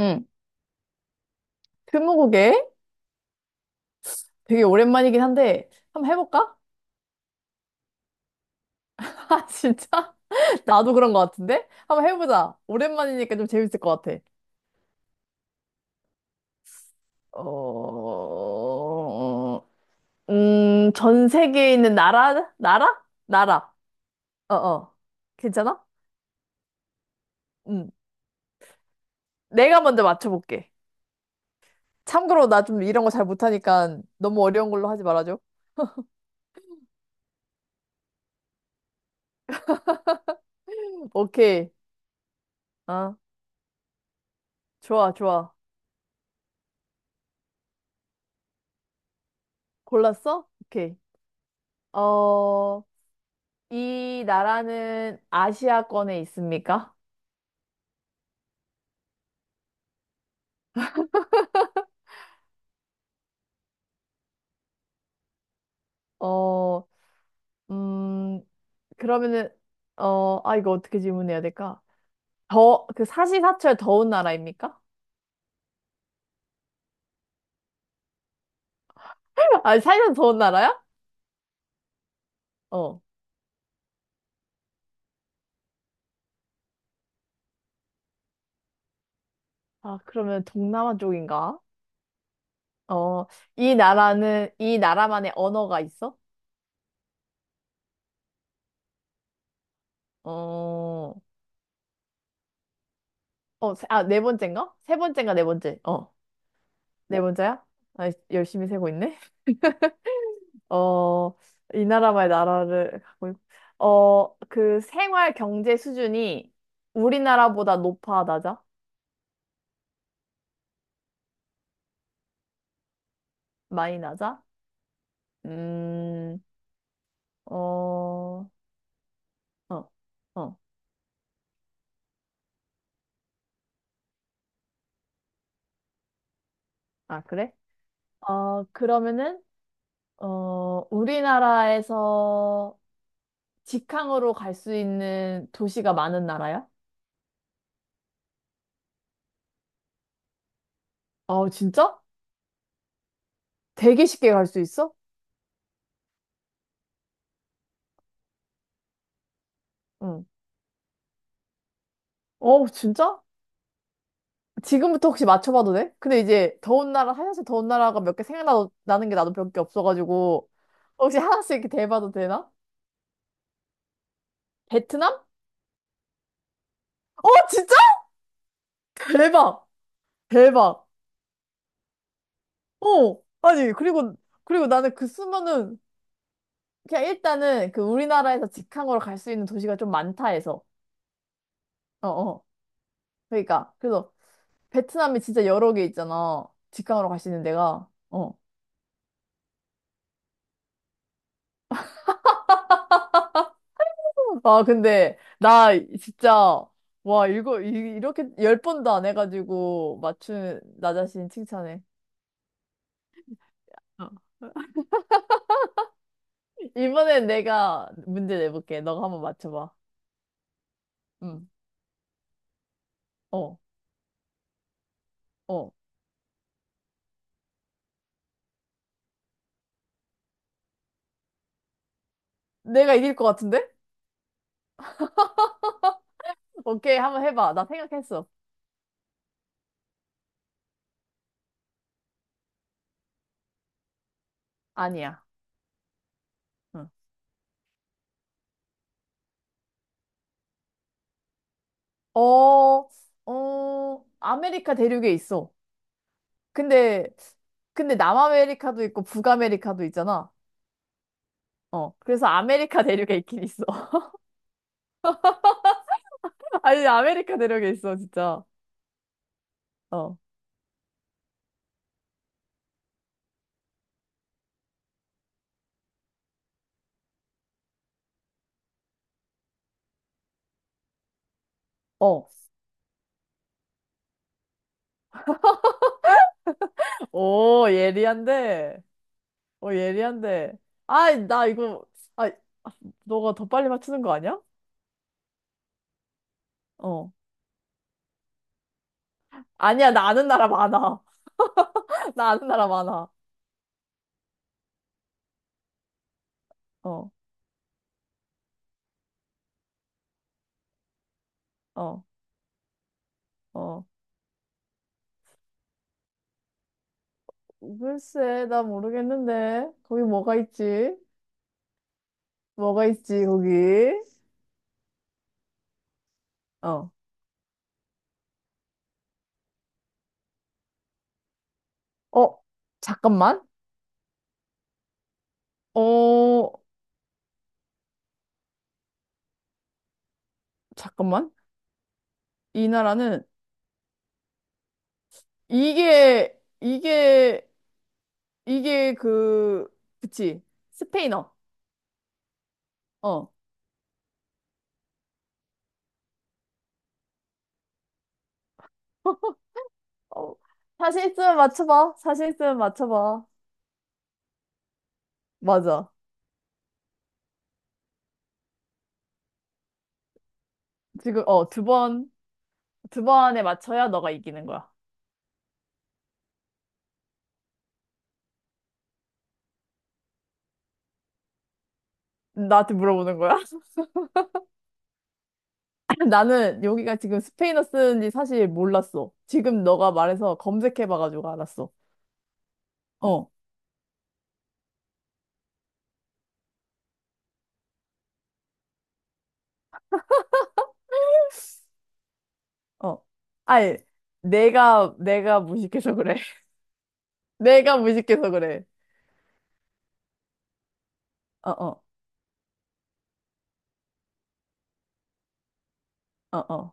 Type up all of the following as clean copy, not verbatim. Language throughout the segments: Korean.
응. 스무고개? 되게 오랜만이긴 한데, 한번 해볼까? 아, 진짜? 나도 그런 것 같은데? 한번 해보자. 오랜만이니까 좀 재밌을 것 같아. 어, 전 세계에 있는 나라? 나라? 나라. 어어. 괜찮아? 응. 내가 먼저 맞춰볼게. 참고로 나 좀 이런 거 잘 못하니까 너무 어려운 걸로 하지 말아줘. 오케이. 어, 좋아, 좋아. 골랐어? 오케이. 어, 이 나라는 아시아권에 있습니까? 어, 음, 그러면은, 이거 어떻게 질문해야 될까? 그 사시사철 더운 나라입니까? 아, 사시사철 더운 나라야? 어. 아, 그러면 동남아 쪽인가? 어, 이 나라만의 언어가 있어? 어, 네 번째인가? 세 번째인가, 네 번째. 어, 네 번째야? 아, 열심히 세고 있네. 어, 이 나라만의 나라를 갖고 있고, 그 생활 경제 수준이 우리나라보다 높아, 낮아? 많이 낮아? 음, 어, 어, 어. 아, 그래? 그러면은, 우리나라에서 직항으로 갈 수 있는 도시가 많은 나라야? 어, 진짜? 되게 쉽게 갈 수 있어? 응. 어, 진짜? 지금부터 혹시 맞춰봐도 돼? 근데 이제 더운 나라, 하얀색 더운 나라가 몇 개 생각나는 게 나도 몇 개 없어가지고 혹시 하나씩 이렇게 대봐도 되나? 베트남? 어, 진짜? 대박! 대박! 어! 아니, 그리고 나는 그 수많은, 그냥 일단은 그 우리나라에서 직항으로 갈 수 있는 도시가 좀 많다 해서. 어, 어. 그러니까. 그래서 베트남이 진짜 여러 개 있잖아. 직항으로 갈 수 있는 데가. 어. 아, 근데, 나, 진짜, 와, 이렇게 열 번도 안 해가지고, 맞춘, 나 자신 칭찬해. 어. 이번엔 내가 문제 내볼게. 너가 한번 맞춰봐. 응. 어, 어. 내가 이길 것 같은데? 오케이, 한번 해봐. 나 생각했어. 아니야. 응. 어, 아메리카 대륙에 있어. 근데, 근데 남아메리카도 있고 북아메리카도 있잖아. 어. 그래서 아메리카 대륙에 있긴 있어. 아니, 아메리카 대륙에 있어, 진짜. 어. 어. 오, 예리한데. 예리한데. 아이, 아, 너가 더 빨리 맞추는 거 아니야? 어. 아니야, 나 아는 나라 많아. 나 아는 나라 많아. 어, 어, 어. 글쎄, 나 모르겠는데. 거기 뭐가 있지? 뭐가 있지, 거기? 어. 어, 잠깐만. 어, 잠깐만. 이 나라는, 이게, 이게, 이게 그치. 스페인어. 어. 어, 자신 있으면 맞춰봐. 자신 있으면 맞춰봐. 맞아. 지금, 어, 두 번, 두 번에 맞춰야 너가 이기는 거야. 나한테 물어보는 거야? 나는 여기가 지금 스페인어 쓰는지 사실 몰랐어. 지금 너가 말해서 검색해봐가지고 알았어. 어, 어. 아니, 내가 무식해서 그래. 내가 무식해서 그래. 어, 어, 어, 어.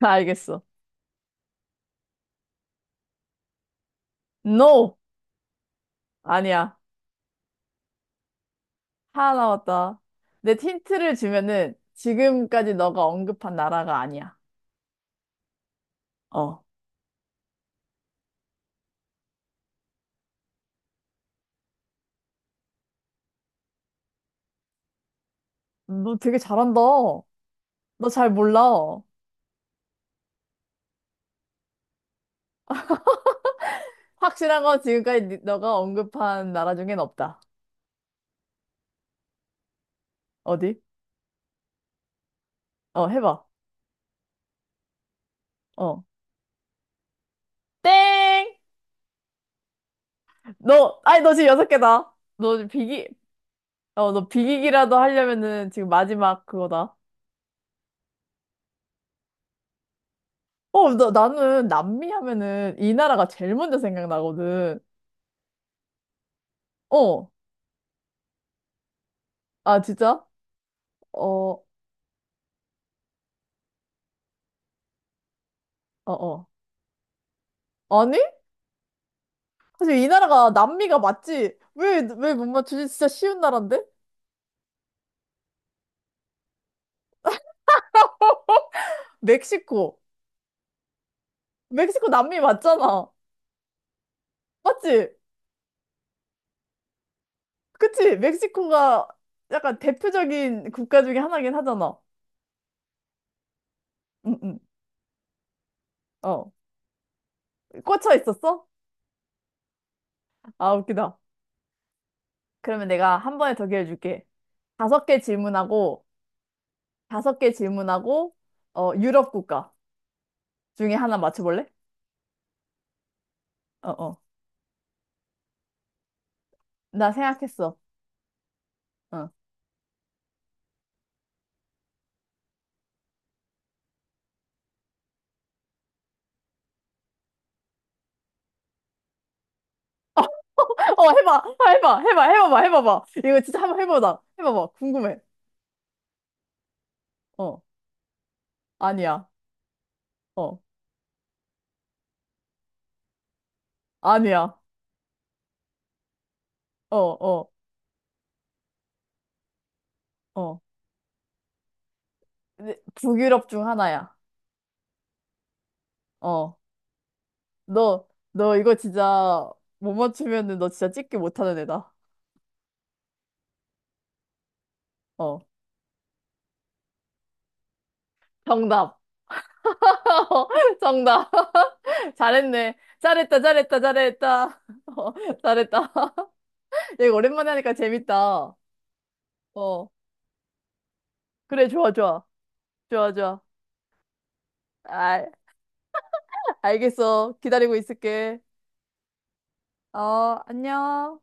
나 알겠어. No! 아니야. 하나 남았다. 내 힌트를 주면은 지금까지 너가 언급한 나라가 아니야. 어. 너 되게 잘한다. 너 잘 몰라. 확실한 건 지금까지 너가 언급한 나라 중엔 없다. 어디? 해봐. 어. 땡! 너, 아니, 너 지금 여섯 개다. 너 지금 비기, 너 비기기라도 하려면은 지금 마지막 그거다. 나는 남미 하면은 이 나라가 제일 먼저 생각나거든. 어. 아, 진짜? 어, 어, 어. 아니? 사실 이 나라가 남미가 맞지? 왜 못 맞추지? 진짜 쉬운 나라인데? 멕시코. 멕시코 남미 맞잖아. 맞지? 그치? 멕시코가 약간 대표적인 국가 중에 하나긴 하잖아. 응, 응. 어. 꽂혀 있었어? 아, 웃기다. 그러면 내가 한 번에 더 기회 줄게. 다섯 개 질문하고, 다섯 개 질문하고, 유럽 국가 중에 하나 맞춰볼래? 어, 어. 나 생각했어. 어. 어, 해봐. 아, 해봐. 해봐. 해봐봐. 해봐봐. 이거 진짜 한번 해보자. 해봐봐. 궁금해. 어. 아니야. 어. 아니야. 어, 어, 어. 네, 북유럽 중 하나야. 어. 너, 너 이거 진짜 못 맞추면은 너 진짜 찍기 못하는 애다. 어. 정답. 정답. 잘했네. 잘했다, 잘했다, 잘했다. 어, 잘했다. 이거 오랜만에 하니까 재밌다. 어. 그래, 좋아, 좋아. 좋아, 좋아. 알, 알겠어. 기다리고 있을게. 어, 안녕.